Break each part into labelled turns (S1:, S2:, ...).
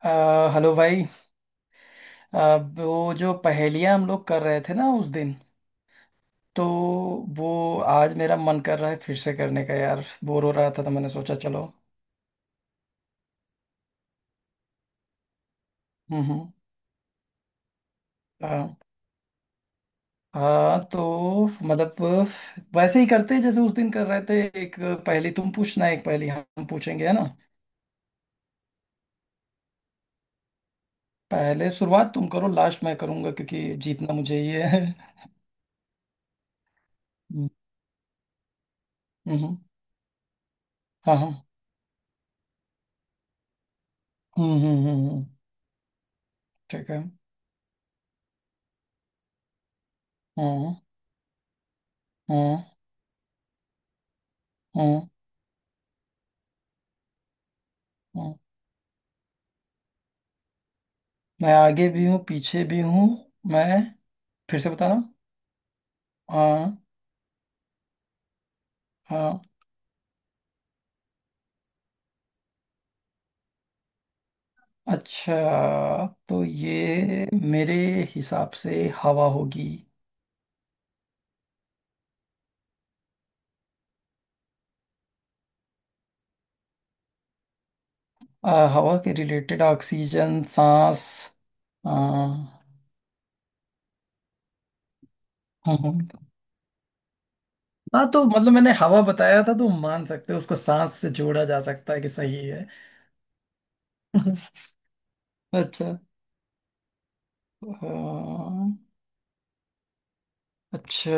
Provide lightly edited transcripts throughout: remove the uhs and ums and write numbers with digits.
S1: अ, hello भाई। वो जो पहेलियां हम लोग कर रहे थे ना उस दिन, तो वो आज मेरा मन कर रहा है फिर से करने का। यार, बोर हो रहा था तो मैंने सोचा चलो। हम्म। हाँ। हाँ, तो मतलब वैसे ही करते हैं जैसे उस दिन कर रहे थे। एक पहेली तुम पूछना, एक पहेली हम पूछेंगे, है ना? पहले शुरुआत तुम करो, लास्ट मैं करूंगा क्योंकि जीतना मुझे ये है। हम्म हम्म, हाँ हाँ। हम्म हम्म हम्म हम्म, ठीक है। हम्म हम्म हम्म हम्म। मैं आगे भी हूँ, पीछे भी हूँ। मैं फिर से बताना। हाँ हाँ। अच्छा, तो ये मेरे हिसाब से हवा होगी। हवा के रिलेटेड, ऑक्सीजन, सांस। आ, हम्म, हाँ। हाँ, तो मतलब मैंने हवा बताया था, तो मान सकते हो उसको सांस से जोड़ा जा सकता है कि सही है। अच्छा। हाँ, अच्छा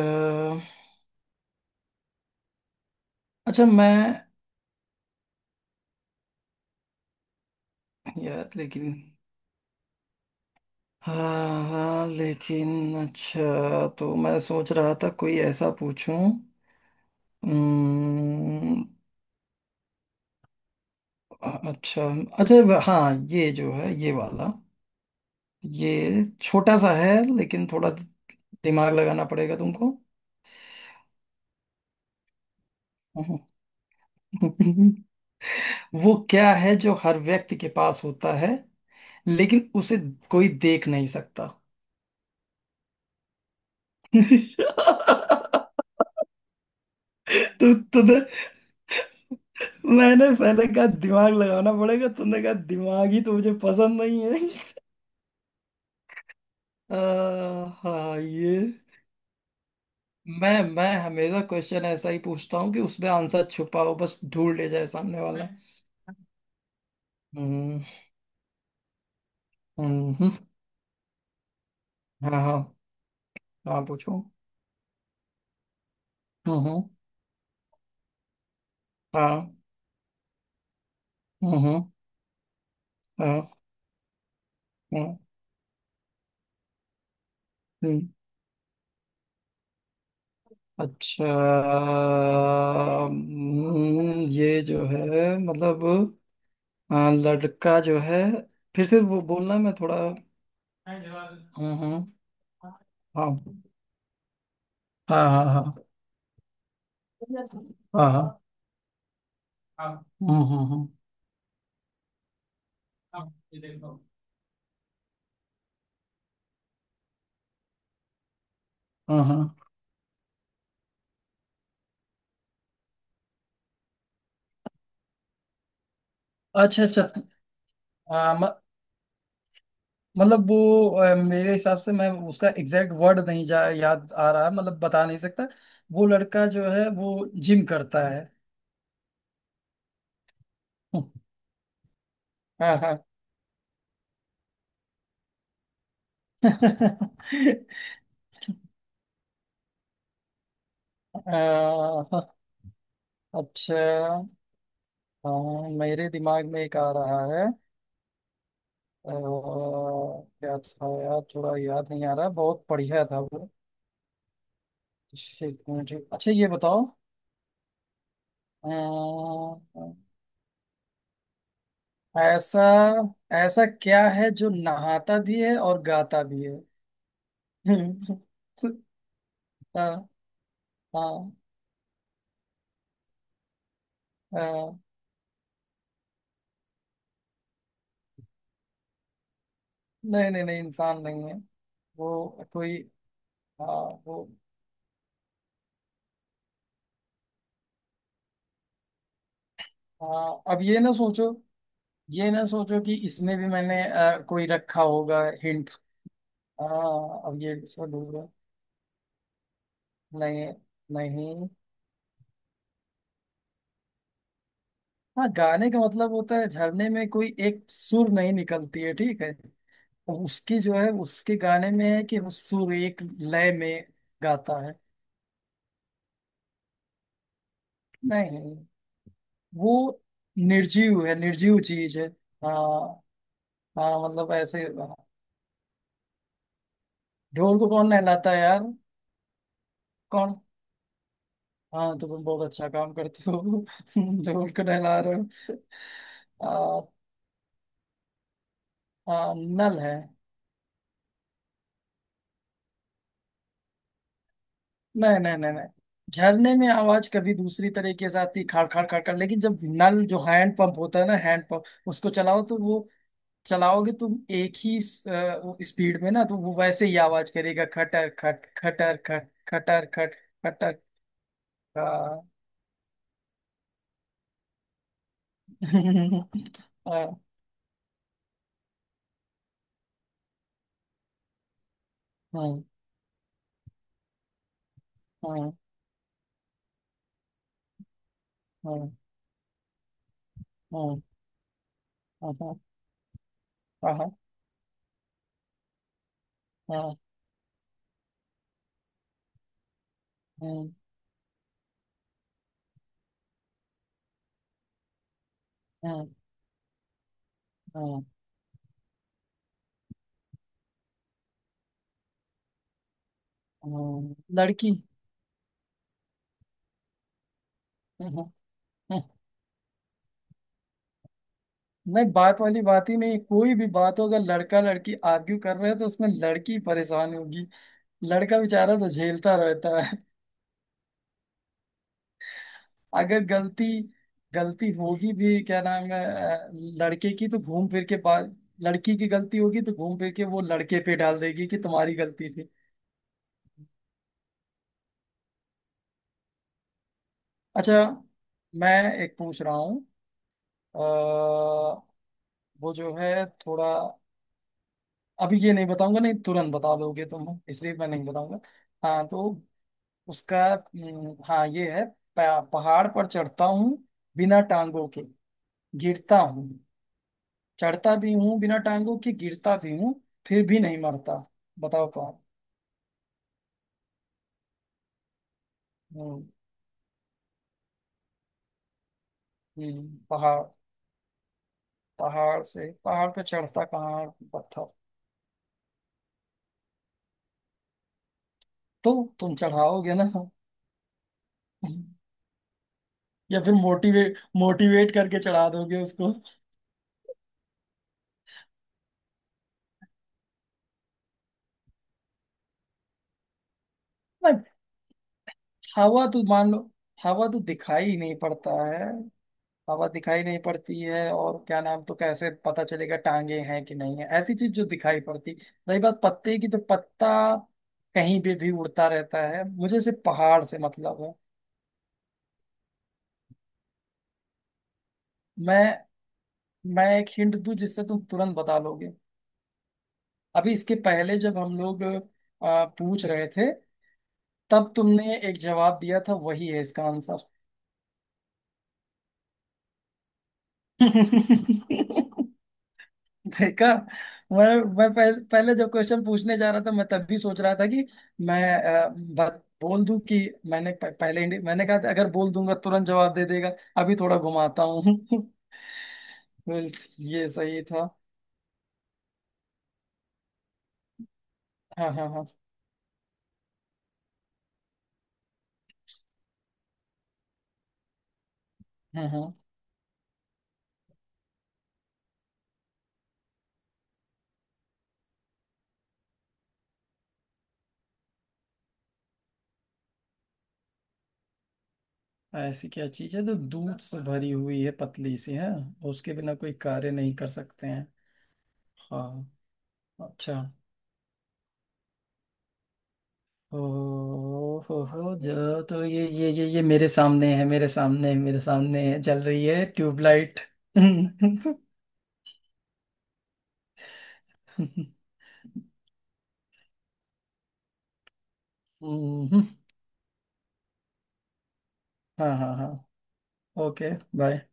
S1: अच्छा। मैं यार लेकिन, हाँ हाँ लेकिन, अच्छा, तो मैं सोच रहा था कोई ऐसा पूछूं। हम्म, अच्छा अच्छा। हाँ, ये जो है ये वाला। ये छोटा सा है, लेकिन थोड़ा दिमाग लगाना पड़ेगा तुमको। वो क्या है जो हर व्यक्ति के पास होता है, लेकिन उसे कोई देख नहीं सकता? तो तुमने मैंने पहले कहा दिमाग लगाना पड़ेगा, तुमने कहा दिमाग ही तो मुझे पसंद नहीं है। अ, हाँ, ये मैं हमेशा क्वेश्चन ऐसा ही पूछता हूँ कि उसमें आंसर छुपा हो, बस ढूंढ ले जाए सामने वाला। हम्म। हम्म हम्म हम्म, हाँ हाँ हाँ। पूछो। हम्म हम्म, हाँ। हम्म हम्म, हाँ हाँ, हम्म, अच्छा। ये जो है मतलब, हाँ, लड़का जो है, फिर से वो बोलना, मैं थोड़ा हम्म। हाँ हाँ हाँ हाँ हाँ हाँ हाँ। हम्म हम्म हम्म। हाँ, ये देखो। हाँ हाँ। अच्छा अच्छा। आ, म, मतलब वो, मेरे हिसाब से, मैं उसका एग्जैक्ट वर्ड नहीं जा याद आ रहा है, मतलब बता नहीं सकता। वो लड़का जो है वो जिम करता है। हाँ हाँ। अ, अच्छा। हाँ, मेरे दिमाग में एक आ रहा है। क्या था यार, थोड़ा याद नहीं आ रहा, बहुत बढ़िया था वो। एक मिनट। अच्छा, ये बताओ। अ, ऐसा ऐसा क्या है जो नहाता भी है और गाता भी है? हाँ हाँ हाँ। नहीं नहीं, नहीं इंसान नहीं है। वो कोई हाँ। वो हाँ, अब ये ना सोचो, ये ना सोचो कि इसमें भी मैंने कोई रखा होगा हिंट। हाँ, अब ये इसमें ढूंढो। नहीं नहीं। हाँ, गाने का मतलब होता है, झरने में कोई एक सुर नहीं निकलती है, ठीक है। और उसकी जो है उसके गाने में है कि वो सुर एक लय में गाता है। नहीं। वो निर्जीव है, निर्जीव चीज है। हाँ हाँ, मतलब ऐसे, हाँ। ढोल को कौन नहलाता है यार? कौन? हाँ, तो तुम बहुत अच्छा काम करते हो। ढोल को नहला रहे हो। आ, आ, नल है। नहीं नहीं नहीं नहीं। झरने में आवाज कभी दूसरी तरीके से आती, खाड़ खाड़ खाड़ खाड़, लेकिन जब नल, जो हैंड पंप होता है ना, हैंड पंप, उसको चलाओ तो वो, चलाओगे तुम एक ही स्पीड में, ना तो वो वैसे ही आवाज करेगा, खटर खट खटर खट खटर खट खटर। हाँ। हाँ हाँ हाँ हाँ हाँ हाँ हाँ हाँ हाँ हाँ हाँ। लड़की। नहीं, बात वाली बात ही नहीं, कोई भी बात हो, अगर लड़का लड़की आर्ग्यू कर रहे हैं तो उसमें लड़की परेशान होगी। लड़का बेचारा तो झेलता रहता। अगर गलती गलती होगी भी, क्या नाम है, लड़के की तो घूम फिर के पास, लड़की की गलती होगी तो घूम फिर के वो लड़के पे डाल देगी कि तुम्हारी गलती थी। अच्छा, मैं एक पूछ रहा हूँ। अ, वो जो है थोड़ा, अभी ये नहीं बताऊंगा, नहीं तुरंत बता दोगे तुम, इसलिए मैं नहीं बताऊंगा। हाँ, तो उसका हाँ, ये है। पहाड़ पर चढ़ता हूँ बिना टांगों के, गिरता हूँ, चढ़ता भी हूँ बिना टांगों के, गिरता भी हूँ, फिर भी नहीं मरता। बताओ कौन। हम्म पहाड़? पहाड़ से पहाड़ पे चढ़ता कहाँ? पत्थर? तो तुम चढ़ाओगे ना। या फिर मोटिवेट मोटिवेट करके चढ़ा दोगे उसको। नहीं। हवा तो मान लो, हवा तो दिखाई ही नहीं पड़ता है। हवा दिखाई नहीं पड़ती है, और क्या नाम, तो कैसे पता चलेगा टांगे हैं कि नहीं है, ऐसी चीज जो दिखाई पड़ती। रही बात पत्ते की, तो पत्ता कहीं पे भी उड़ता रहता है, मुझे सिर्फ पहाड़ से मतलब है। मैं मैं एक हिंट दूं जिससे तुम तुरंत बता लोगे। अभी इसके पहले जब हम लोग पूछ रहे थे, तब तुमने एक जवाब दिया था, वही है इसका आंसर। देखा? मैं पहले जब क्वेश्चन पूछने जा रहा था, मैं तब भी सोच रहा था कि मैं, बात बोल दूं कि मैंने प- पहले इंडि- मैंने कहा था अगर बोल दूंगा तुरंत जवाब दे देगा। अभी थोड़ा घुमाता हूँ। बिल- ये सही था। हाँ हाँ हाँ हाँ हाँ। ऐसी क्या चीज है जो दूध से भरी हुई है, पतली सी है, उसके बिना कोई कार्य नहीं कर सकते हैं? हाँ, अच्छा। ओ हो हो! जो तो ये मेरे सामने है, मेरे सामने है, मेरे सामने है, जल रही है, ट्यूबलाइट! हम्म। हाँ हाँ हाँ। ओके। बाय।